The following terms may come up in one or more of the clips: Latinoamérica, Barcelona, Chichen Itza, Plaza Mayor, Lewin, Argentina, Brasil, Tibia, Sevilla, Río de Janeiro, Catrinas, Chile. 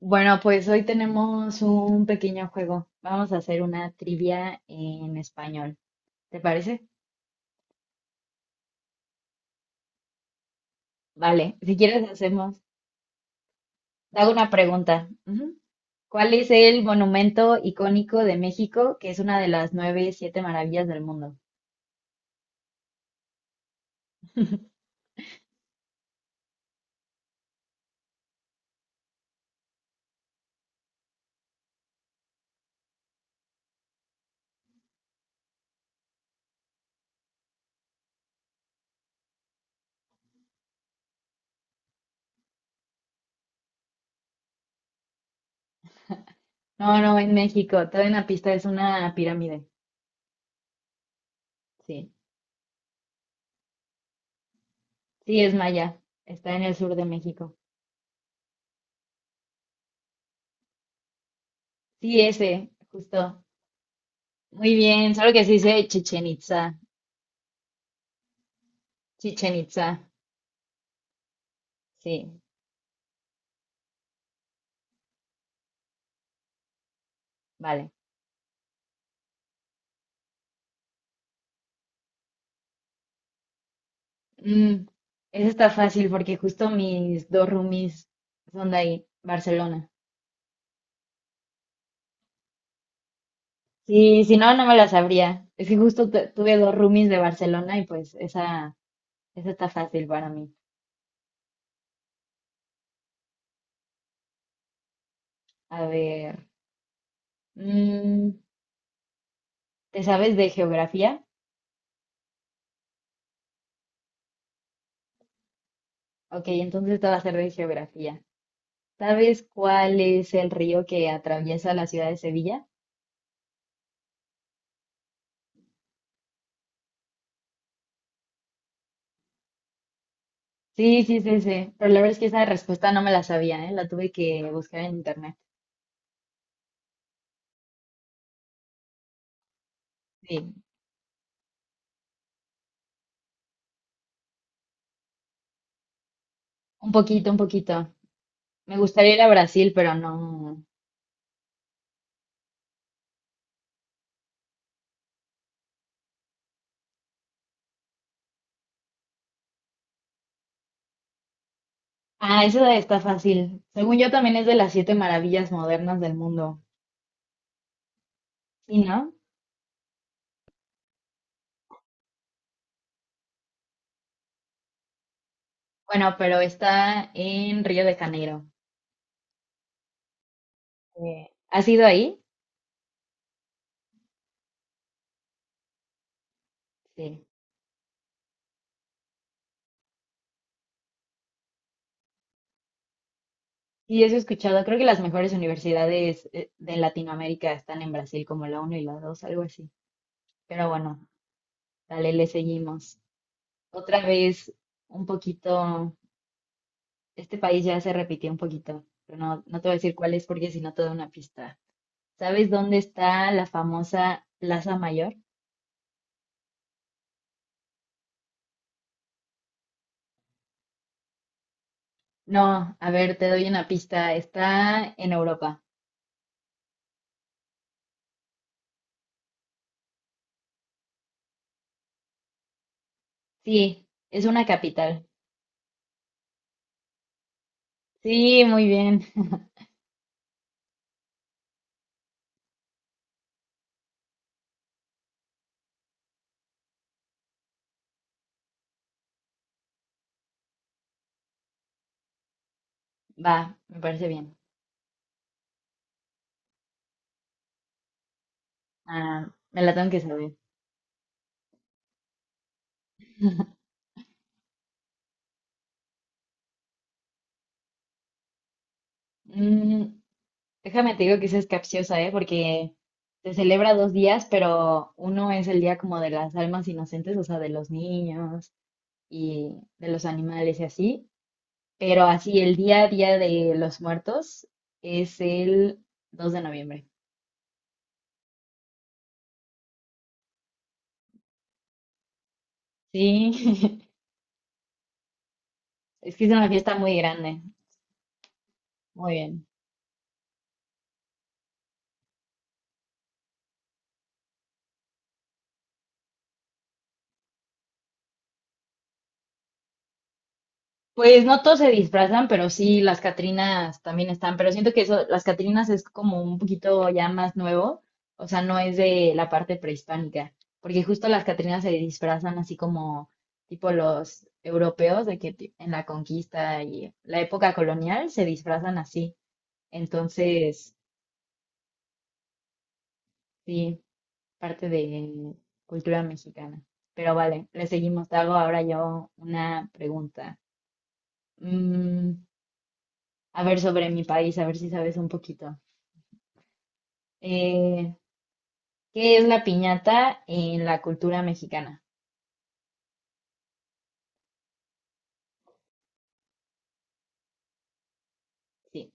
Bueno, pues hoy tenemos un pequeño juego. Vamos a hacer una trivia en español. ¿Te parece? Vale, si quieres hacemos. Te hago una pregunta. Ujú. ¿Cuál es el monumento icónico de México, que es una de las nueve, siete maravillas del mundo? No, no, en México. Te doy una pista, es una pirámide. Sí, sí, es maya. Está en el sur de México. Sí, ese, justo. Muy bien, solo que se dice Chichen Itza. Chichen Itza. Sí, vale. Mm, Eso está fácil porque justo mis dos roomies son de ahí, Barcelona. Sí, si no, no me la sabría. Es que justo tuve dos roomies de Barcelona y pues esa está fácil para mí. A ver, mm, ¿te sabes de geografía? Ok, entonces te va a ser de geografía. ¿Sabes cuál es el río que atraviesa la ciudad de Sevilla? Sí, sí, sí, sí. Pero la verdad es que esa respuesta no me la sabía, ¿eh? La tuve que buscar en internet. Sí, un poquito, un poquito. Me gustaría ir a Brasil, pero no. Ah, eso está fácil. Según yo también es de las siete maravillas modernas del mundo. ¿Sí, no? Bueno, pero está en Río de Janeiro. ¿Has ido ahí? Sí. Sí, eso he escuchado. Creo que las mejores universidades de Latinoamérica están en Brasil, como la uno y la 2, algo así. Pero bueno, dale, le seguimos. Otra vez, un poquito, este país ya se repitió un poquito, pero no, no te voy a decir cuál es porque si no te doy una pista. ¿Sabes dónde está la famosa Plaza Mayor? No, a ver, te doy una pista. Está en Europa. Sí, es una capital. Sí, muy bien. Va, me parece bien. Ah, me la tengo que saber. Mm, Déjame te digo que esa es capciosa, ¿eh? Porque se celebra dos días, pero uno es el día como de las almas inocentes, o sea, de los niños y de los animales y así. Pero así, el día a día de los muertos es el 2 de noviembre. Sí, es que es una fiesta muy grande. Muy bien. Pues no todos se disfrazan, pero sí, las Catrinas también están. Pero siento que eso, las Catrinas es como un poquito ya más nuevo. O sea, no es de la parte prehispánica. Porque justo las Catrinas se disfrazan así como tipo los europeos, de que en la conquista y la época colonial se disfrazan así. Entonces, sí, parte de cultura mexicana. Pero vale, le seguimos. Te hago ahora yo una pregunta. Mm, a ver sobre mi país, a ver si sabes un poquito. Eh, ¿Qué es la piñata en la cultura mexicana? Sí,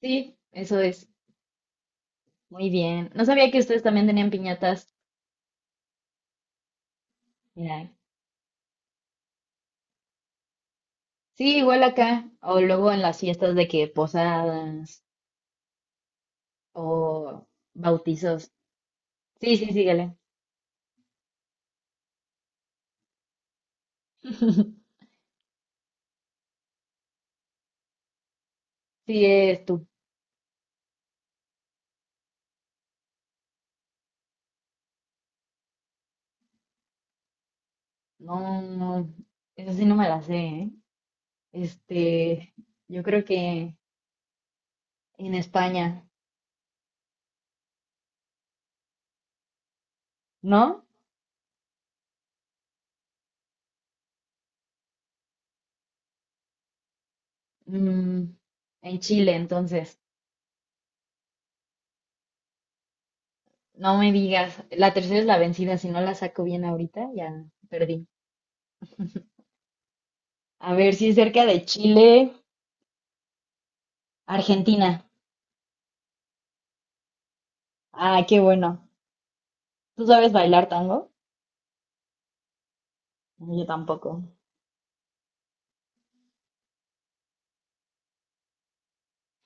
sí, eso es. Muy bien. No sabía que ustedes también tenían piñatas. Mira, sí, igual acá. O luego en las fiestas de que posadas o bautizos. Sí, sí, síguele. Sí, es tu. No, no, eso sí no me la sé, ¿eh? Este, yo creo que en España, ¿no? Mm, ¿en Chile, entonces? No me digas. La tercera es la vencida. Si no la saco bien ahorita, ya perdí. A ver, si es cerca de Chile, Argentina. Ah, qué bueno. ¿Tú sabes bailar tango? No, yo tampoco.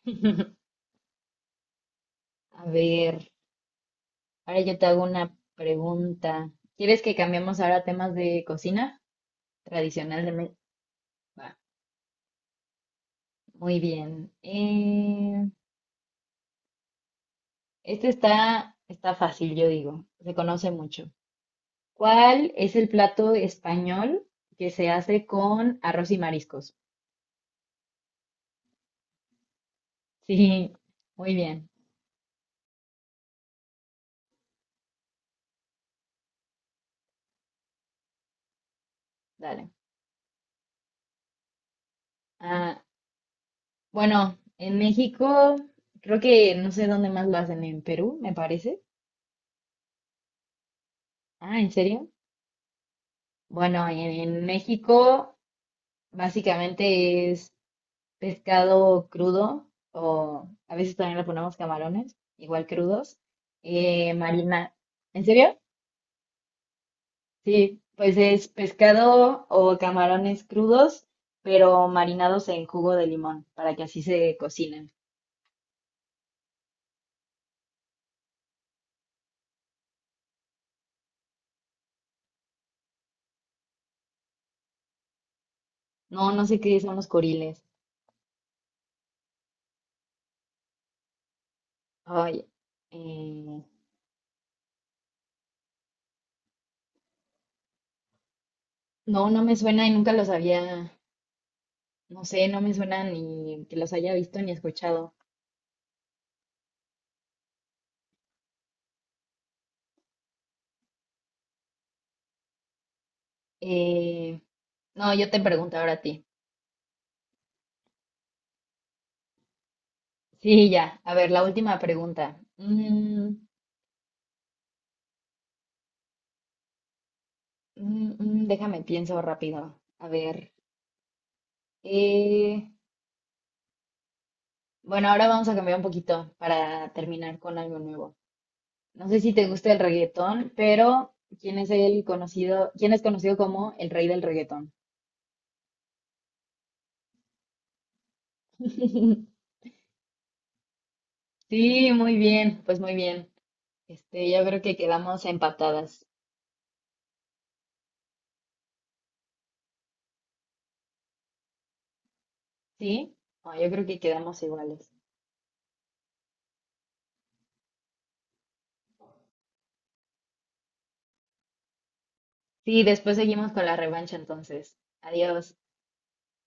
A ver, ahora yo te hago una pregunta. ¿Quieres que cambiemos ahora a temas de cocina tradicional de México? Muy bien. Este está, está fácil, yo digo. Se conoce mucho. ¿Cuál es el plato español que se hace con arroz y mariscos? Sí, muy bien, dale. Ah, bueno, en México, creo que no sé dónde más lo hacen, en Perú, me parece. Ah, ¿en serio? Bueno, en México básicamente es pescado crudo o a veces también le ponemos camarones, igual crudos, marina. ¿En serio? Sí, pues es pescado o camarones crudos, pero marinados en jugo de limón, para que así se cocinen. No, no sé qué son los coriles. Ay, eh, no, no me suena y nunca los había, no sé, no me suena ni que los haya visto ni escuchado. Eh, no, yo te pregunto ahora a ti. Sí, ya. A ver, la última pregunta. Déjame, pienso rápido. A ver. eh, Bueno, ahora vamos a cambiar un poquito para terminar con algo nuevo. No sé si te gusta el reggaetón, pero ¿quién es el conocido, quién es conocido como el rey del reggaetón? Sí, muy bien, pues muy bien. Este, yo creo que quedamos empatadas, ¿sí? No, yo creo que quedamos iguales. Sí, después seguimos con la revancha entonces. Adiós.